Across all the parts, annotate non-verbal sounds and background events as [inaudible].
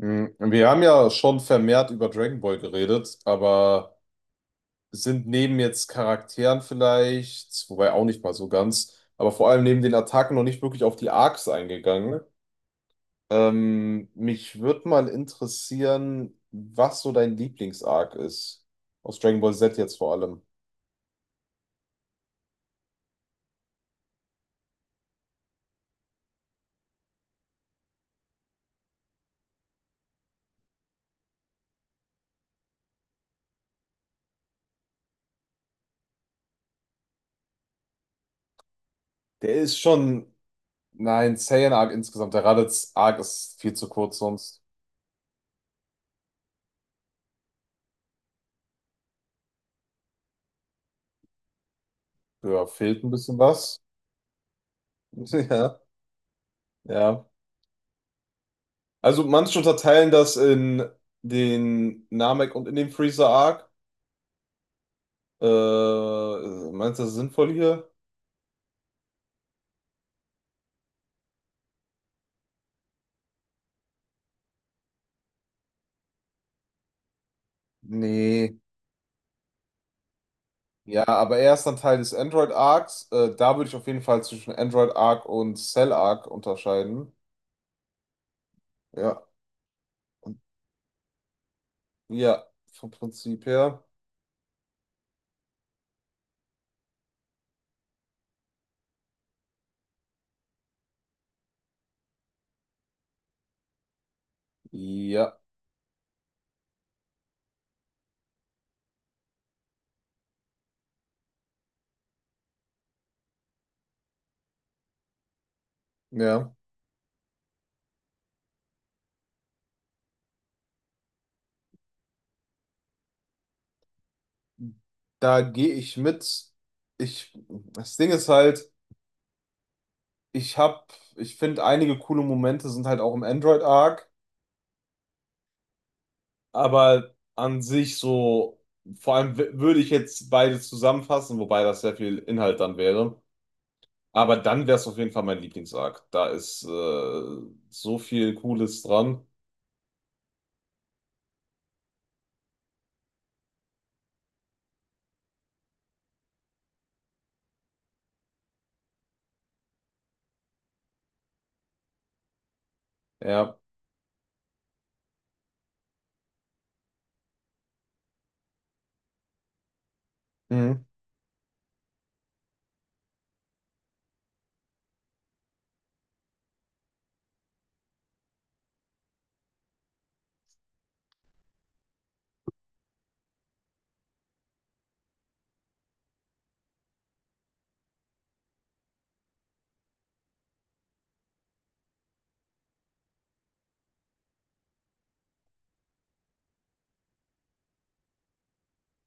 Wir haben ja schon vermehrt über Dragon Ball geredet, aber sind neben jetzt Charakteren vielleicht, wobei auch nicht mal so ganz, aber vor allem neben den Attacken noch nicht wirklich auf die Arcs eingegangen. Mich würde mal interessieren, was so dein Lieblings-Arc ist. Aus Dragon Ball Z jetzt vor allem. Der ist schon, nein, Saiyan-Arc insgesamt. Der Raditz-Arc ist viel zu kurz, sonst ja, fehlt ein bisschen was. [laughs] Ja, ja. Also manche unterteilen das in den Namek und in den Freezer Arc. Äh, Meinst du das sinnvoll hier? Nee. Ja, aber er ist dann Teil des Android Arcs. Da würde ich auf jeden Fall zwischen Android Arc und Cell Arc unterscheiden. Ja. Ja, vom Prinzip her. Ja, ja. Da gehe ich mit. Ich, das Ding ist halt, ich finde einige coole Momente sind halt auch im Android Arc. Aber an sich so, vor allem würde ich jetzt beides zusammenfassen, wobei das sehr viel Inhalt dann wäre. Aber dann wäre es auf jeden Fall mein Lieblingsarc. Da ist so viel Cooles dran. Ja. Mhm.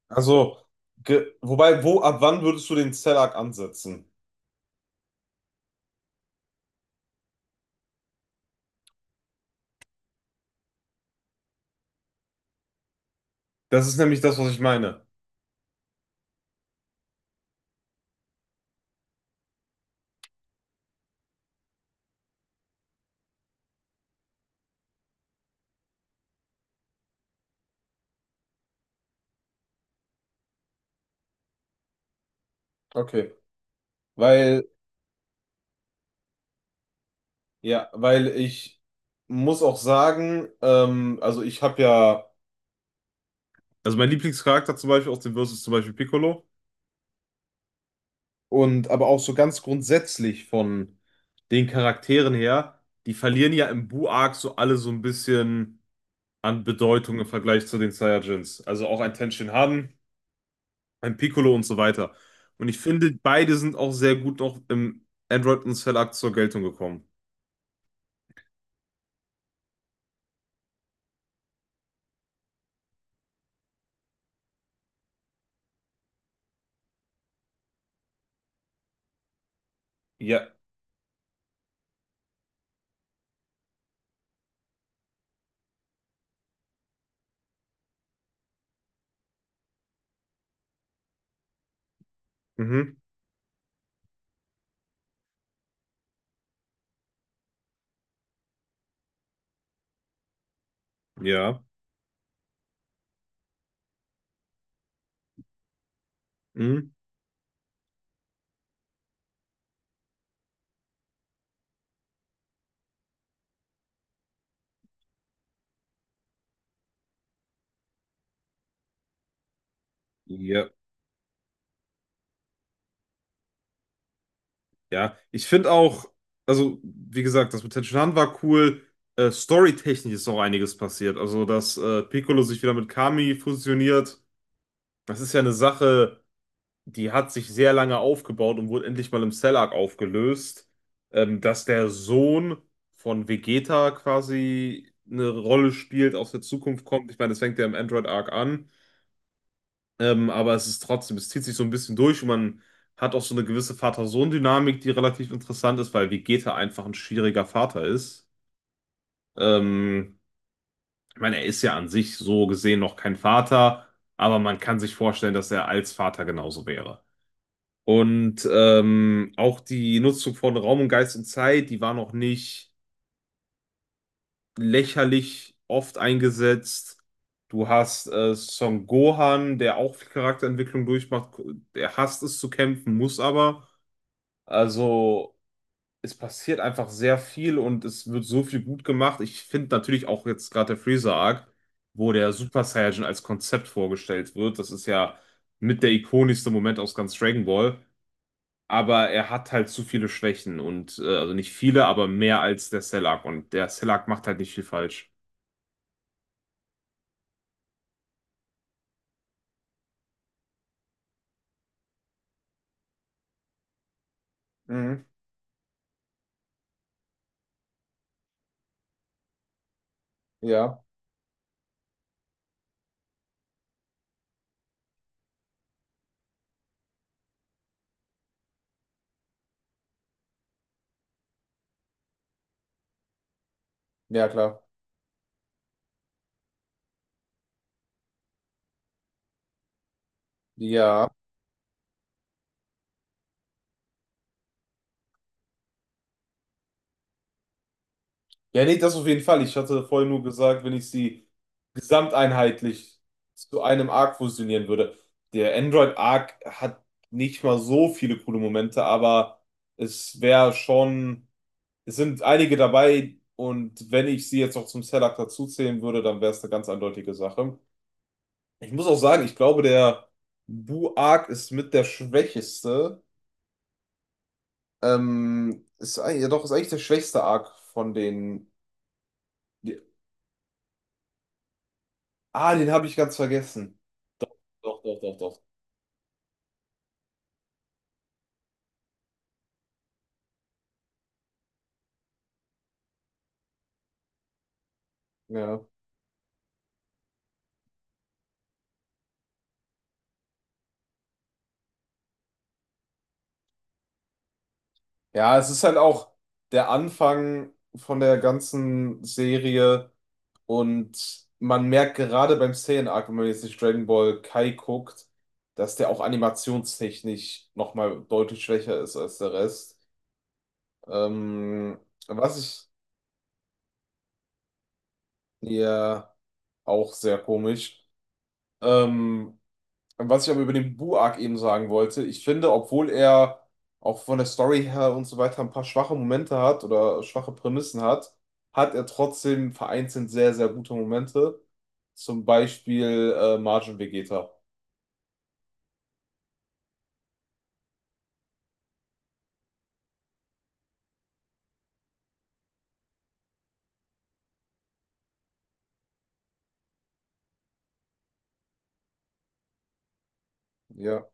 Also, wobei, wo, ab wann würdest du den Cell-Arc ansetzen? Das ist nämlich das, was ich meine. Okay. Weil, ja, weil ich muss auch sagen, also ich habe ja, also mein Lieblingscharakter zum Beispiel aus dem Versus ist zum Beispiel Piccolo. Und aber auch so ganz grundsätzlich von den Charakteren her, die verlieren ja im Buu-Arc so alle so ein bisschen an Bedeutung im Vergleich zu den Saiyajins. Also auch ein Ten Shinhan, ein Piccolo und so weiter. Und ich finde, beide sind auch sehr gut noch im Android und Cell-Arc zur Geltung gekommen. Ja. Mhm. Ja. Mhm. Ja. Ja, ich finde auch, also wie gesagt, das mit Tenshinhan war cool. Storytechnisch ist auch einiges passiert. Also, dass Piccolo sich wieder mit Kami fusioniert, das ist ja eine Sache, die hat sich sehr lange aufgebaut und wurde endlich mal im Cell Arc aufgelöst. Dass der Sohn von Vegeta quasi eine Rolle spielt, aus der Zukunft kommt. Ich meine, das fängt ja im Android Arc an. Aber es ist trotzdem, es zieht sich so ein bisschen durch und man hat auch so eine gewisse Vater-Sohn-Dynamik, die relativ interessant ist, weil Vegeta einfach ein schwieriger Vater ist. Ähm, Ich meine, er ist ja an sich so gesehen noch kein Vater, aber man kann sich vorstellen, dass er als Vater genauso wäre. Und auch die Nutzung von Raum und Geist und Zeit, die war noch nicht lächerlich oft eingesetzt. Du hast Son Gohan, der auch viel Charakterentwicklung durchmacht. Der hasst es zu kämpfen, muss aber. Also es passiert einfach sehr viel und es wird so viel gut gemacht. Ich finde natürlich auch jetzt gerade der Freezer-Arc, wo der Super Saiyan als Konzept vorgestellt wird. Das ist ja mit der ikonischste Moment aus ganz Dragon Ball. Aber er hat halt zu viele Schwächen und also nicht viele, aber mehr als der Cell-Arc. Und der Cell-Arc macht halt nicht viel falsch. Mhm. Ja, ja klar. Ja. Ja, nee, das auf jeden Fall. Ich hatte vorhin nur gesagt, wenn ich sie gesamteinheitlich zu einem Arc fusionieren würde. Der Android Arc hat nicht mal so viele coole Momente, aber es wäre schon, es sind einige dabei und wenn ich sie jetzt noch zum Cell Arc dazuzählen würde, dann wäre es eine ganz eindeutige Sache. Ich muss auch sagen, ich glaube, der Bu Arc ist mit der schwächeste. Ist, ja doch, ist eigentlich der schwächste Arc von den Die- Ah, den habe ich ganz vergessen. Doch, doch, doch, doch. Ja. Ja, es ist halt auch der Anfang von der ganzen Serie und man merkt gerade beim Saiyan Arc, wenn man jetzt nicht Dragon Ball Kai guckt, dass der auch animationstechnisch nochmal deutlich schwächer ist als der Rest. Ähm, Was ich ja auch sehr komisch. Ähm, Was ich aber über den Buak eben sagen wollte, ich finde, obwohl er auch von der Story her und so weiter ein paar schwache Momente hat oder schwache Prämissen hat, hat er trotzdem vereinzelt sehr, sehr gute Momente. Zum Beispiel Margin Vegeta. Ja,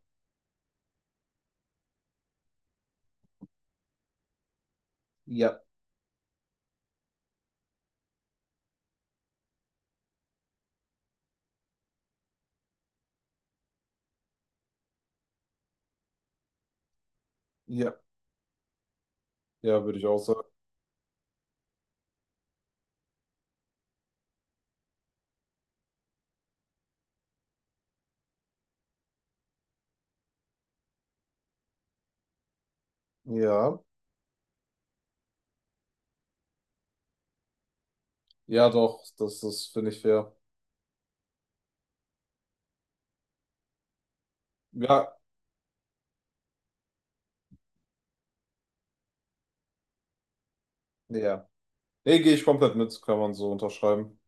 ja, ja, ja, würde ich auch sagen. Ja, ja, doch, das ist, finde ich, fair. Ja, ja. Nee, gehe ich komplett mit, kann man so unterschreiben.